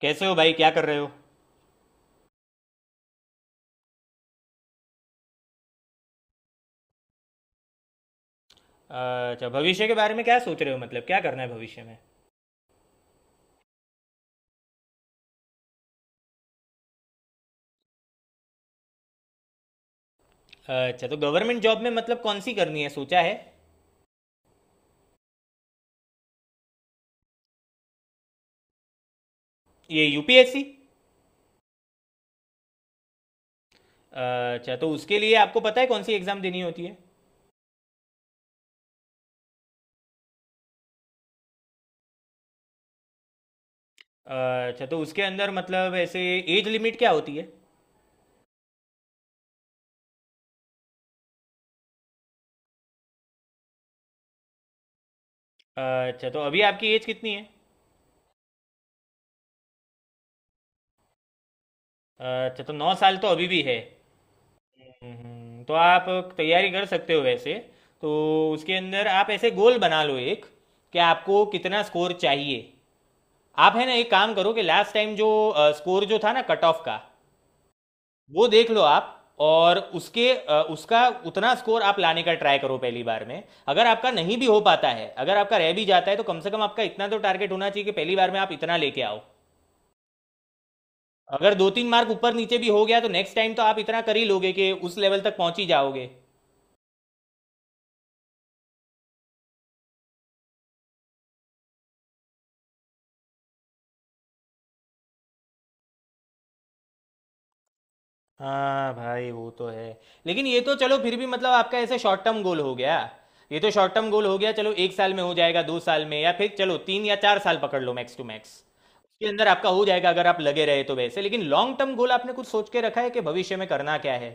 कैसे हो भाई क्या कर रहे हो। अच्छा भविष्य के बारे में क्या सोच रहे हो मतलब क्या करना है भविष्य में। अच्छा तो गवर्नमेंट जॉब में मतलब कौन सी करनी है सोचा है। ये यूपीएससी। अच्छा तो उसके लिए आपको पता है कौन सी एग्ज़ाम देनी होती है। अच्छा तो उसके अंदर मतलब ऐसे एज लिमिट क्या होती है। अच्छा तो अभी आपकी एज कितनी है। अच्छा तो 9 साल तो अभी भी है। तो आप तैयारी कर सकते हो वैसे। तो उसके अंदर आप ऐसे गोल बना लो एक, कि आपको कितना स्कोर चाहिए। आप है ना एक काम करो कि लास्ट टाइम जो स्कोर जो था ना कट ऑफ का वो देख लो आप। और उसके उसका उतना स्कोर आप लाने का ट्राई करो पहली बार में। अगर आपका नहीं भी हो पाता है अगर आपका रह भी जाता है तो कम से कम आपका इतना तो टारगेट होना चाहिए कि पहली बार में आप इतना लेके आओ। अगर दो तीन मार्क ऊपर नीचे भी हो गया तो नेक्स्ट टाइम तो आप इतना कर ही लोगे कि उस लेवल तक पहुंच ही जाओगे। हाँ भाई वो तो है। लेकिन ये तो चलो फिर भी मतलब आपका ऐसे शॉर्ट टर्म गोल हो गया। ये तो शॉर्ट टर्म गोल हो गया चलो एक साल में हो जाएगा 2 साल में या फिर चलो 3 या 4 साल पकड़ लो मैक्स टू मैक्स। उसके अंदर आपका हो जाएगा अगर आप लगे रहे तो वैसे। लेकिन लॉन्ग टर्म गोल आपने कुछ सोच के रखा है कि भविष्य में करना क्या है।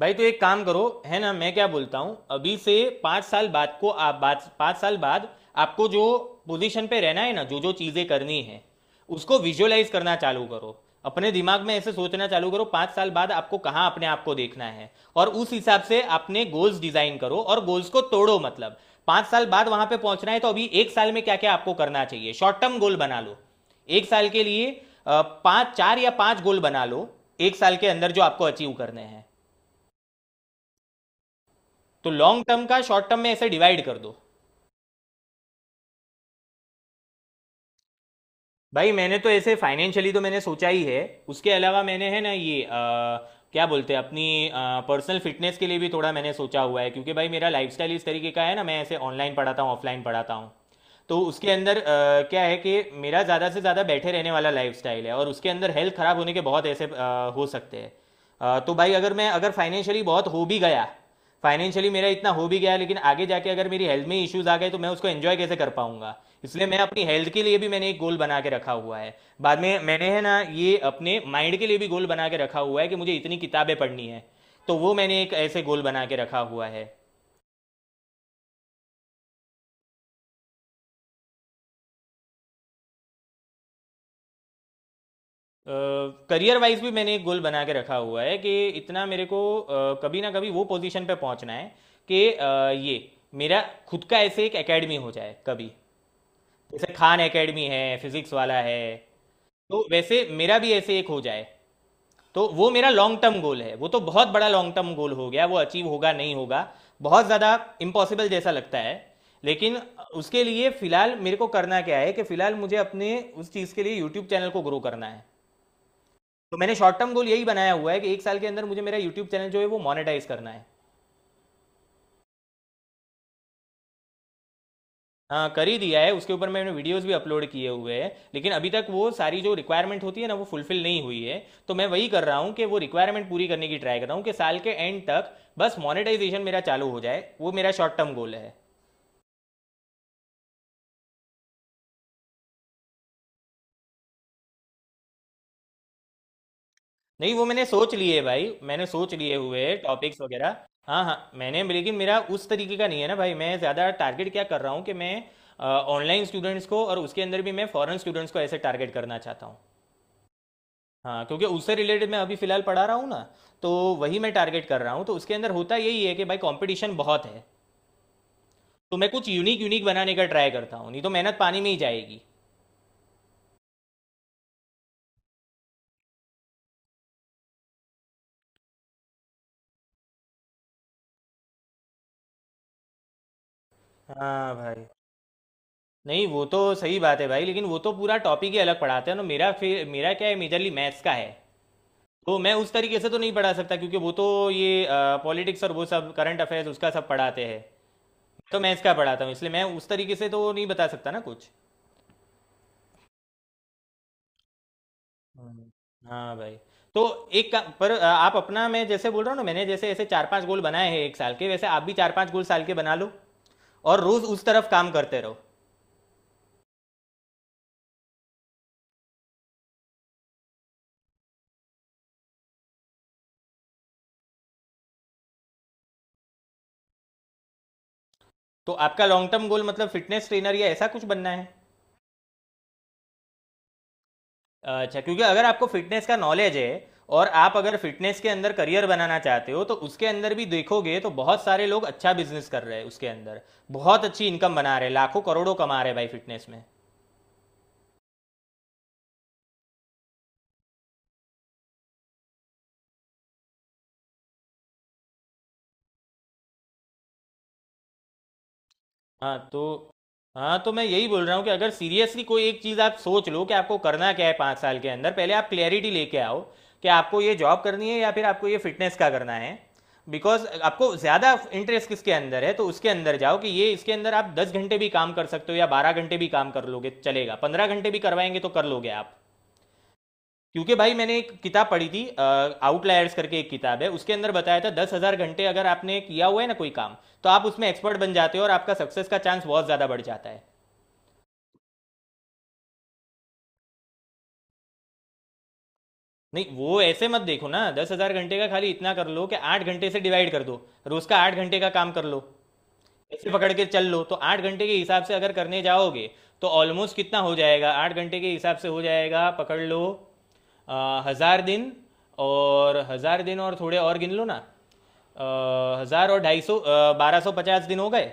भाई तो एक काम करो है ना। मैं क्या बोलता हूँ अभी से 5 साल बाद को आप बाद 5 साल बाद आपको जो पोजीशन पे रहना है ना जो जो चीज़ें करनी है उसको विजुअलाइज करना चालू करो। अपने दिमाग में ऐसे सोचना चालू करो 5 साल बाद आपको कहाँ अपने आप को देखना है और उस हिसाब से अपने गोल्स डिजाइन करो और गोल्स को तोड़ो मतलब। 5 साल बाद वहां पे पहुंचना है तो अभी एक साल में क्या क्या आपको करना चाहिए शॉर्ट टर्म गोल बना लो एक साल के लिए। पाँच चार या पाँच गोल बना लो एक साल के अंदर जो आपको अचीव करने हैं। तो लॉन्ग टर्म का शॉर्ट टर्म में ऐसे डिवाइड कर दो। भाई मैंने तो ऐसे फाइनेंशियली तो मैंने सोचा ही है। उसके अलावा मैंने है ना ये क्या बोलते हैं अपनी पर्सनल फिटनेस के लिए भी थोड़ा मैंने सोचा हुआ है क्योंकि भाई मेरा लाइफस्टाइल इस तरीके का है ना मैं ऐसे ऑनलाइन पढ़ाता हूँ ऑफलाइन पढ़ाता हूँ। तो उसके अंदर क्या है कि मेरा ज़्यादा से ज़्यादा बैठे रहने वाला लाइफस्टाइल है और उसके अंदर हेल्थ ख़राब होने के बहुत ऐसे हो सकते हैं। तो भाई अगर मैं अगर फाइनेंशियली बहुत हो भी गया फाइनेंशियली मेरा इतना हो भी गया लेकिन आगे जाके अगर मेरी हेल्थ में इश्यूज आ गए तो मैं उसको एंजॉय कैसे कर पाऊंगा। इसलिए मैं अपनी हेल्थ के लिए भी मैंने एक गोल बना के रखा हुआ है। बाद में मैंने है ना ये अपने माइंड के लिए भी गोल बना के रखा हुआ है कि मुझे इतनी किताबें पढ़नी है। तो वो मैंने एक ऐसे गोल बना के रखा हुआ है। करियर वाइज भी मैंने एक गोल बना के रखा हुआ है कि इतना मेरे को कभी ना कभी वो पोजीशन पे पहुंचना है कि ये मेरा खुद का ऐसे एक एकेडमी हो जाए कभी। जैसे खान एकेडमी है फिजिक्स वाला है तो वैसे मेरा भी ऐसे एक हो जाए। तो वो मेरा लॉन्ग टर्म गोल है वो तो बहुत बड़ा लॉन्ग टर्म गोल हो गया वो अचीव होगा नहीं होगा बहुत ज़्यादा इम्पॉसिबल जैसा लगता है। लेकिन उसके लिए फिलहाल मेरे को करना क्या है कि फिलहाल मुझे अपने उस चीज़ के लिए यूट्यूब चैनल को ग्रो करना है। तो मैंने शॉर्ट टर्म गोल यही बनाया हुआ है कि एक साल के अंदर मुझे मेरा यूट्यूब चैनल जो है वो मोनेटाइज करना है। हाँ कर ही दिया है उसके ऊपर मैंने वीडियोस भी अपलोड किए हुए हैं लेकिन अभी तक वो सारी जो रिक्वायरमेंट होती है ना वो फुलफिल नहीं हुई है। तो मैं वही कर रहा हूँ कि वो रिक्वायरमेंट पूरी करने की ट्राई कर रहा हूँ कि साल के एंड तक बस मोनेटाइजेशन मेरा चालू हो जाए वो मेरा शॉर्ट टर्म गोल है। नहीं वो मैंने सोच लिए भाई मैंने सोच लिए हुए टॉपिक्स वगैरह। हाँ हाँ मैंने लेकिन मेरा उस तरीके का नहीं है ना भाई मैं ज़्यादा टारगेट क्या कर रहा हूँ कि मैं ऑनलाइन स्टूडेंट्स को और उसके अंदर भी मैं फॉरेन स्टूडेंट्स को ऐसे टारगेट करना चाहता हूँ। हाँ क्योंकि उससे रिलेटेड मैं अभी फ़िलहाल पढ़ा रहा हूँ ना तो वही मैं टारगेट कर रहा हूँ तो उसके अंदर होता यही है कि भाई कंपटीशन बहुत है। तो मैं कुछ यूनिक यूनिक बनाने का ट्राई करता हूँ नहीं तो मेहनत पानी में ही जाएगी। हाँ भाई। नहीं वो तो सही बात है भाई लेकिन वो तो पूरा टॉपिक ही अलग पढ़ाते हैं ना मेरा फिर मेरा क्या है मेजरली मैथ्स का है। तो मैं उस तरीके से तो नहीं पढ़ा सकता क्योंकि वो तो ये पॉलिटिक्स और वो सब करंट अफेयर्स उसका सब पढ़ाते हैं। तो मैं इसका पढ़ाता हूँ इसलिए मैं उस तरीके से तो नहीं बता सकता ना कुछ। हम्म। हाँ भाई। तो पर आप अपना मैं जैसे बोल रहा हूँ ना मैंने जैसे ऐसे चार पांच गोल बनाए हैं एक साल के वैसे आप भी चार पांच गोल साल के बना लो और रोज उस तरफ काम करते रहो। तो आपका लॉन्ग टर्म गोल मतलब फिटनेस ट्रेनर या ऐसा कुछ बनना है। अच्छा क्योंकि अगर आपको फिटनेस का नॉलेज है और आप अगर फिटनेस के अंदर करियर बनाना चाहते हो तो उसके अंदर भी देखोगे तो बहुत सारे लोग अच्छा बिजनेस कर रहे हैं उसके अंदर। बहुत अच्छी इनकम बना रहे हैं लाखों करोड़ों कमा रहे हैं भाई फिटनेस में। हाँ तो हाँ तो मैं यही बोल रहा हूँ कि अगर सीरियसली कोई एक चीज़ आप सोच लो कि आपको करना क्या है 5 साल के अंदर पहले आप क्लैरिटी लेके आओ। कि आपको ये जॉब करनी है या फिर आपको ये फिटनेस का करना है। बिकॉज आपको ज़्यादा इंटरेस्ट किसके अंदर है तो उसके अंदर जाओ कि ये इसके अंदर आप 10 घंटे भी काम कर सकते हो या 12 घंटे भी काम कर लोगे चलेगा 15 घंटे भी करवाएंगे तो कर लोगे आप। क्योंकि भाई मैंने एक किताब पढ़ी थी आउटलायर्स करके एक किताब है उसके अंदर बताया था 10,000 घंटे अगर आपने किया हुआ है ना कोई काम। तो आप उसमें एक्सपर्ट बन जाते हो और आपका सक्सेस का चांस बहुत ज्यादा बढ़ जाता है। नहीं वो ऐसे मत देखो ना 10,000 घंटे का खाली इतना कर लो कि 8 घंटे से डिवाइड कर दो। रोज का 8 घंटे का काम कर लो ऐसे पकड़ के चल लो तो 8 घंटे के हिसाब से अगर करने जाओगे तो ऑलमोस्ट कितना हो जाएगा 8 घंटे के हिसाब से हो जाएगा पकड़ लो। 1,000 दिन और 1,000 दिन और थोड़े और गिन लो ना 1,000 और 250 1,250 दिन हो गए।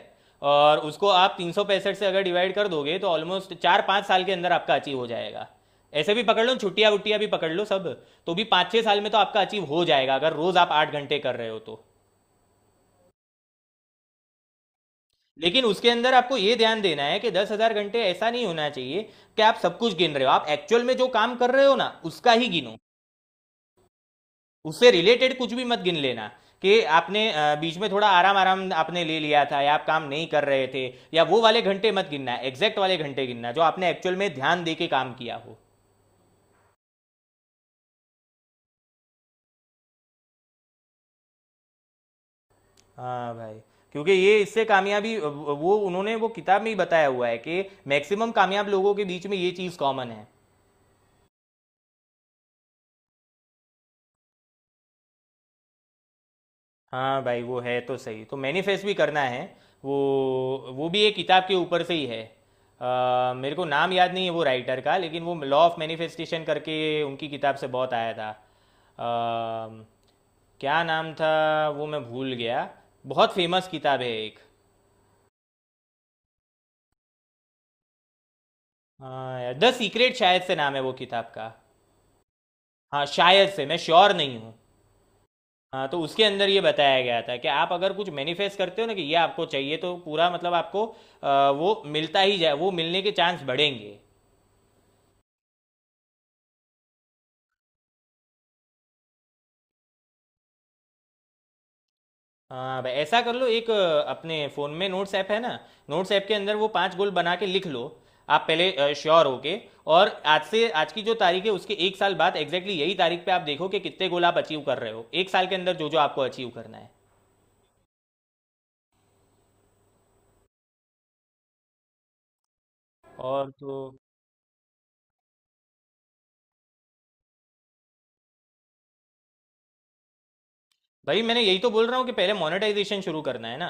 और उसको आप 365 से अगर डिवाइड कर दोगे तो ऑलमोस्ट 4 5 साल के अंदर आपका अचीव हो जाएगा। ऐसे भी पकड़ लो छुट्टियां वुट्टियां भी पकड़ लो सब। तो भी 5 6 साल में तो आपका अचीव हो जाएगा अगर रोज आप 8 घंटे कर रहे हो तो। लेकिन उसके अंदर आपको ये ध्यान देना है कि 10,000 घंटे ऐसा नहीं होना चाहिए कि आप सब कुछ गिन रहे हो। आप एक्चुअल में जो काम कर रहे हो ना उसका ही गिनो। उससे रिलेटेड कुछ भी मत गिन लेना कि आपने बीच में थोड़ा आराम आराम आपने ले लिया था या आप काम नहीं कर रहे थे। या वो वाले घंटे मत गिनना एग्जैक्ट वाले घंटे गिनना जो आपने एक्चुअल में ध्यान दे के काम किया हो। हाँ भाई। क्योंकि ये इससे कामयाबी वो उन्होंने वो किताब में ही बताया हुआ है कि मैक्सिमम कामयाब लोगों के बीच में ये चीज़ कॉमन है। हाँ भाई वो है तो सही तो मैनिफेस्ट भी करना है। वो वो भी एक किताब के ऊपर से ही है। मेरे को नाम याद नहीं है वो राइटर का लेकिन वो लॉ ऑफ मैनिफेस्टेशन करके उनकी किताब से बहुत आया था। क्या नाम था वो मैं भूल गया। बहुत फेमस किताब है एक। द सीक्रेट शायद से नाम है वो किताब का। हाँ शायद से मैं श्योर नहीं हूँ। हाँ तो उसके अंदर ये बताया गया था कि आप अगर कुछ मैनिफेस्ट करते हो ना कि ये आपको चाहिए तो पूरा मतलब आपको वो मिलता ही जाए वो मिलने के चांस बढ़ेंगे। हाँ भाई ऐसा कर लो एक अपने फ़ोन में नोट्स ऐप है ना। नोट्स ऐप के अंदर वो पांच गोल बना के लिख लो आप पहले श्योर होके। और आज से आज की जो तारीख है उसके एक साल बाद एग्जैक्टली यही तारीख पे आप देखो कि कितने गोल आप अचीव कर रहे हो एक साल के अंदर जो जो आपको अचीव करना है। और तो। भाई मैंने यही तो बोल रहा हूँ कि पहले मोनेटाइजेशन शुरू करना है ना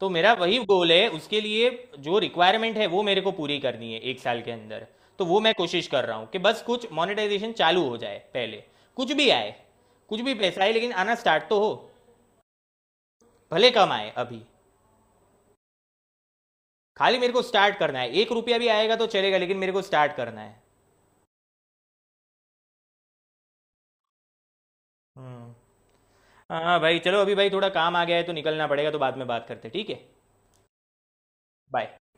तो मेरा वही गोल है उसके लिए। जो रिक्वायरमेंट है वो मेरे को पूरी करनी है एक साल के अंदर। तो वो मैं कोशिश कर रहा हूँ कि बस कुछ मोनेटाइजेशन चालू हो जाए पहले। कुछ भी आए कुछ भी पैसा आए लेकिन आना स्टार्ट तो हो। भले कम आए अभी। खाली मेरे को स्टार्ट करना है 1 रुपया भी आएगा तो चलेगा लेकिन मेरे को स्टार्ट करना है। हम्म। हाँ भाई चलो अभी भाई थोड़ा काम आ गया है तो निकलना पड़ेगा तो बाद में बात करते हैं, ठीक है। बाय।